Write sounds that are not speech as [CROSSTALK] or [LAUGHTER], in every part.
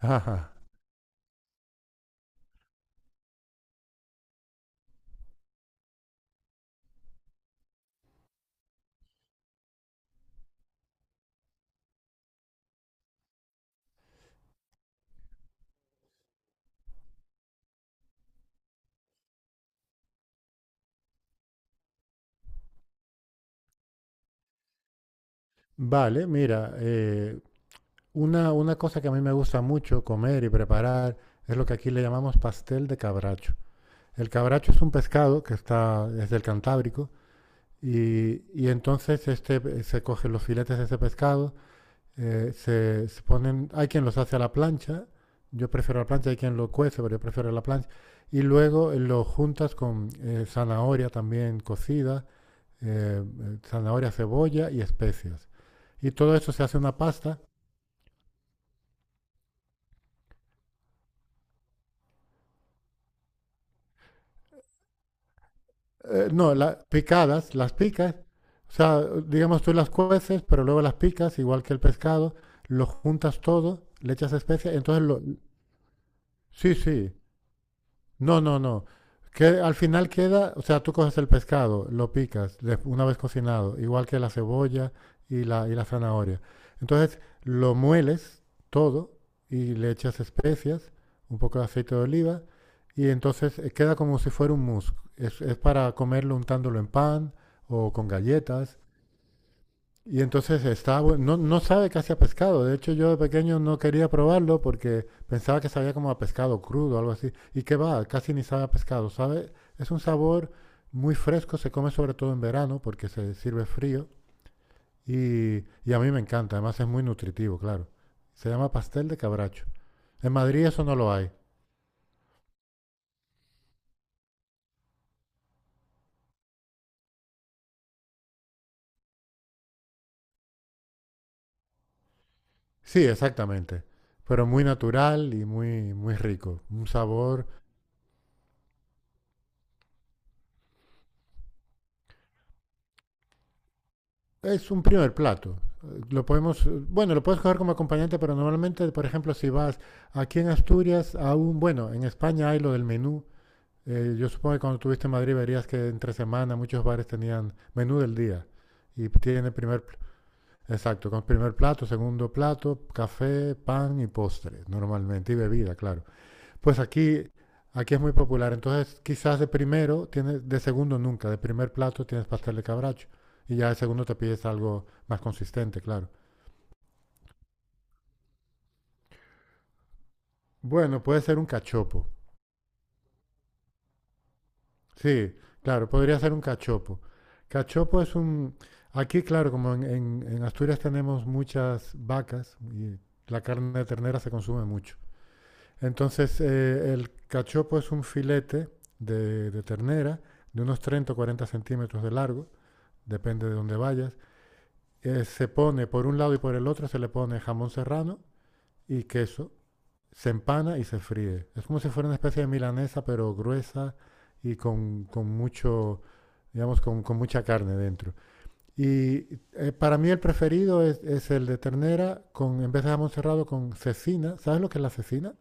Ajá. Vale, mira, una cosa que a mí me gusta mucho comer y preparar es lo que aquí le llamamos pastel de cabracho. El cabracho es un pescado que está desde el Cantábrico. Y entonces este, se cogen los filetes de ese pescado, se ponen, hay quien los hace a la plancha, yo prefiero la plancha, hay quien lo cuece, pero yo prefiero la plancha, y luego lo juntas con zanahoria también cocida, zanahoria, cebolla y especias. Y todo eso se hace una pasta. No, la picadas, las picas. O sea, digamos tú las cueces, pero luego las picas, igual que el pescado, lo juntas todo, le echas especias, entonces lo... Sí, sí. No, no, no. Que al final queda, o sea, tú coges el pescado, lo picas una vez cocinado, igual que la cebolla y la zanahoria. Entonces lo mueles todo y le echas especias, un poco de aceite de oliva y entonces queda como si fuera un mousse. Es para comerlo untándolo en pan o con galletas, y entonces está, no, no sabe casi a pescado. De hecho, yo de pequeño no quería probarlo porque pensaba que sabía como a pescado crudo o algo así. Y qué va, casi ni sabe a pescado, ¿sabe? Es un sabor muy fresco, se come sobre todo en verano porque se sirve frío. Y, y a mí me encanta, además es muy nutritivo, claro. Se llama pastel de cabracho. En Madrid eso no lo hay. Sí, exactamente. Pero muy natural y muy, muy rico. Un sabor... Es un primer plato. Lo podemos, bueno, lo puedes coger como acompañante, pero normalmente, por ejemplo, si vas aquí en Asturias, aún, bueno, en España hay lo del menú. Yo supongo que cuando estuviste en Madrid verías que entre semana muchos bares tenían menú del día. Y tiene primer, exacto, con primer plato, segundo plato, café, pan y postre, normalmente, y bebida, claro. Pues aquí, aquí es muy popular. Entonces, quizás de primero, tienes, de segundo nunca. De primer plato tienes pastel de cabracho. Y ya de segundo te pides algo más consistente, claro. Bueno, puede ser un cachopo. Sí, claro, podría ser un cachopo. Cachopo es un... Aquí, claro, como en Asturias tenemos muchas vacas y la carne de ternera se consume mucho. Entonces, el cachopo es un filete de ternera de unos 30 o 40 centímetros de largo, depende de dónde vayas. Se pone por un lado y por el otro, se le pone jamón serrano y queso, se empana y se fríe. Es como si fuera una especie de milanesa, pero gruesa y con mucho, digamos, con, mucha carne dentro. Y para mí el preferido es el de ternera, con, en vez de jamón serrado, con cecina. ¿Sabes lo que es la cecina?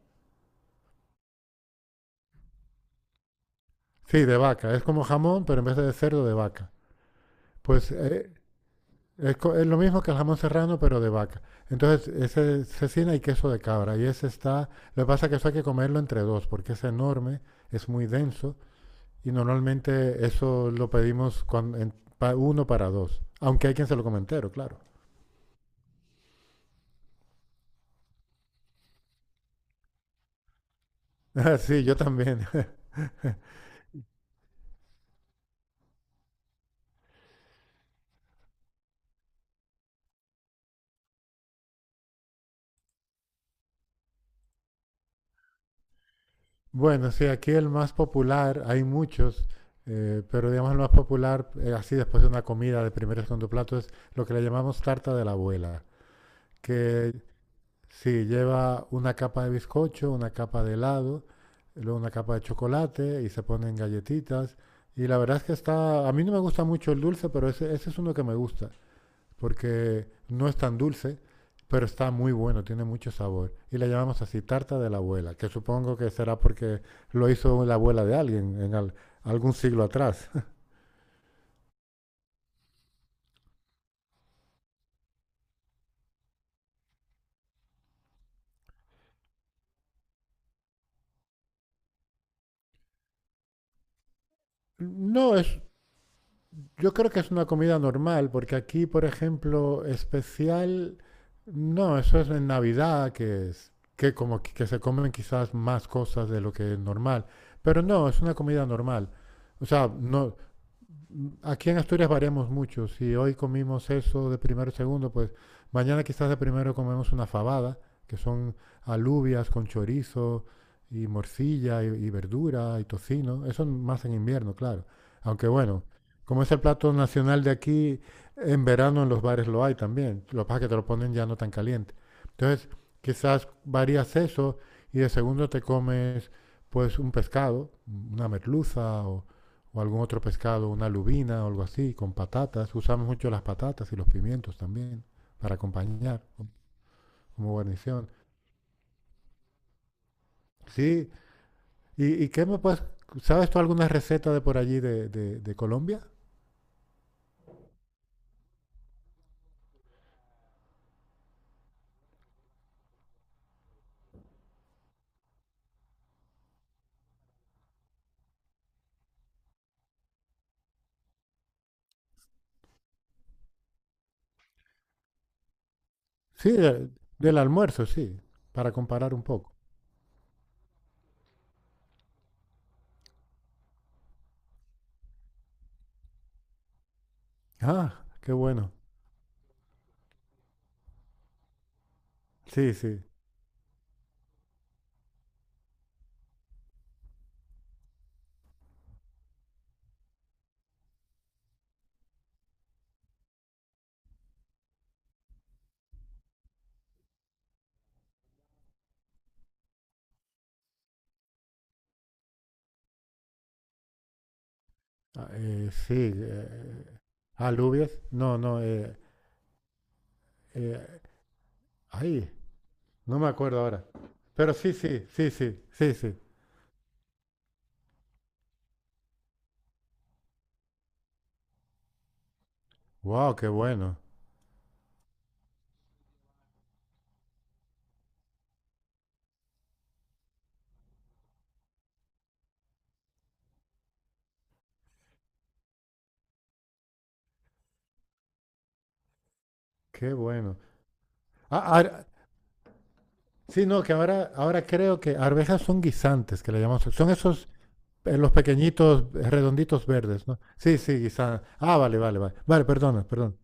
Sí, de vaca. Es como jamón, pero en vez de cerdo, de vaca. Pues es, es lo mismo que el jamón serrano, pero de vaca. Entonces, ese es cecina y queso de cabra. Y ese está. Lo que pasa es que eso hay que comerlo entre dos, porque es enorme, es muy denso. Y normalmente eso lo pedimos uno para dos. Aunque hay quien se lo come entero, claro. [LAUGHS] Ah, sí, yo también. [LAUGHS] Bueno, sí, aquí el más popular, hay muchos, pero digamos el más popular, así después de una comida de primer y segundo plato, es lo que le llamamos tarta de la abuela, que... Sí, lleva una capa de bizcocho, una capa de helado, luego una capa de chocolate y se ponen galletitas. Y la verdad es que está, a mí no me gusta mucho el dulce, pero ese es uno que me gusta, porque no es tan dulce, pero está muy bueno, tiene mucho sabor. Y le llamamos así tarta de la abuela, que supongo que será porque lo hizo la abuela de alguien en algún siglo atrás. [LAUGHS] No, es... Yo creo que es una comida normal, porque aquí, por ejemplo, especial, no, eso es en Navidad, que es, que como que se comen quizás más cosas de lo que es normal, pero no, es una comida normal. O sea, no, aquí en Asturias variamos mucho. Si hoy comimos eso de primero y segundo, pues mañana quizás de primero comemos una fabada, que son alubias con chorizo y morcilla y verdura y tocino. Eso más en invierno, claro. Aunque bueno, como es el plato nacional de aquí, en verano en los bares lo hay también. Lo que pasa es que te lo ponen ya no tan caliente. Entonces, quizás varías eso y de segundo te comes pues un pescado, una merluza o algún otro pescado, una lubina o algo así, con patatas. Usamos mucho las patatas y los pimientos también para acompañar como guarnición. Sí, ¿y, ¿y qué me puedes, sabes tú alguna receta de por allí de Colombia? Sí, del almuerzo, sí, para comparar un poco. Ah, qué bueno. Sí, sí. Ah, alubias. No, no, eh, ay, no me acuerdo ahora. Pero sí, sí, sí, sí, sí, sí. Wow, qué bueno, qué bueno. Ah, ar- sí, no, que ahora, ahora creo que arvejas son guisantes, que le llamamos. Son esos, los pequeñitos, redonditos verdes, ¿no? Sí, sí, guisantes. Ah, vale, vale, vale. Vale, perdona, perdón.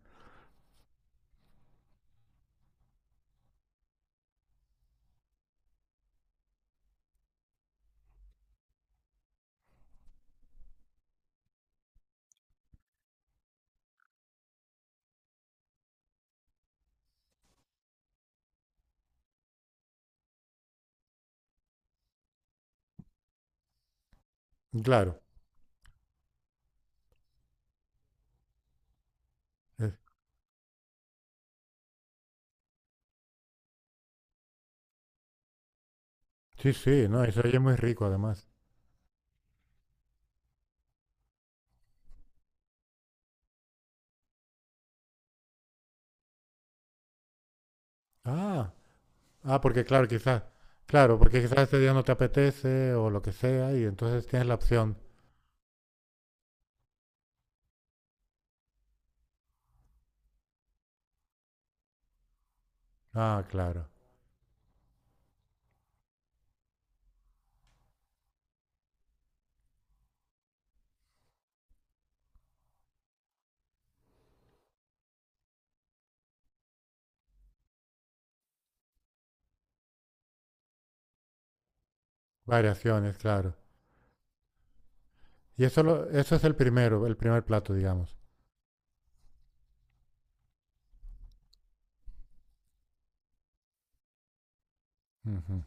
Claro. eh, Sí, sí, no, y se oye muy rico además. Ah, ah, porque claro, quizás, claro, porque quizás ese día no te apetece o lo que sea, y entonces tienes la opción. Ah, claro. Variaciones, claro. Y eso, eso es el primero, el primer plato, digamos. Ujú.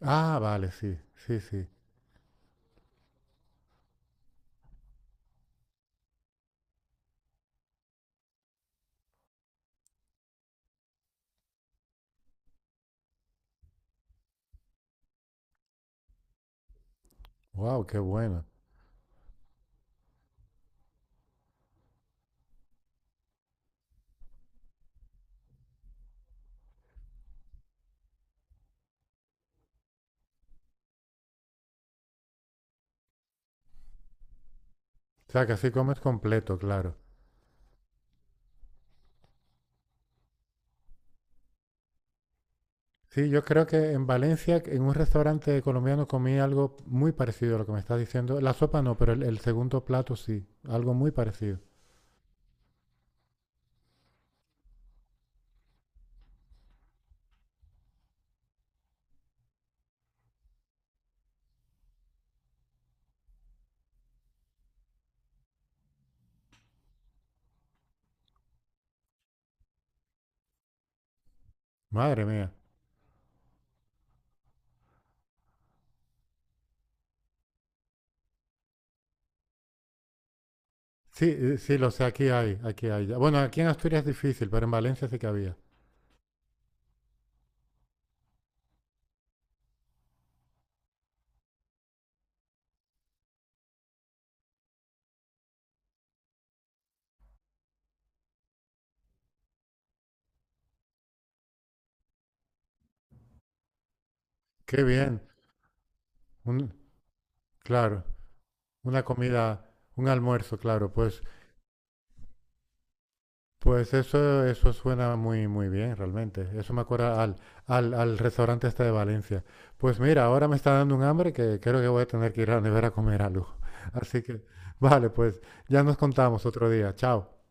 Ah, vale, sí, sí, sí. Wow, qué bueno. O sea, que así comes completo, claro. Sí, yo creo que en Valencia, en un restaurante colombiano, comí algo muy parecido a lo que me estás diciendo. La sopa no, pero el segundo plato sí, algo muy parecido. Madre mía. Sí, sí, lo sé, aquí hay, aquí hay. Ya. Bueno, aquí en Asturias es difícil, pero en Valencia sí que había. Qué bien. Un, claro, una comida, un almuerzo, claro. Pues... Pues eso suena muy, muy bien, realmente. Eso me acuerda al, al, al restaurante este de Valencia. Pues mira, ahora me está dando un hambre que creo que voy a tener que ir a la nevera a comer algo. [LAUGHS] Así que, vale, pues ya nos contamos otro día. Chao.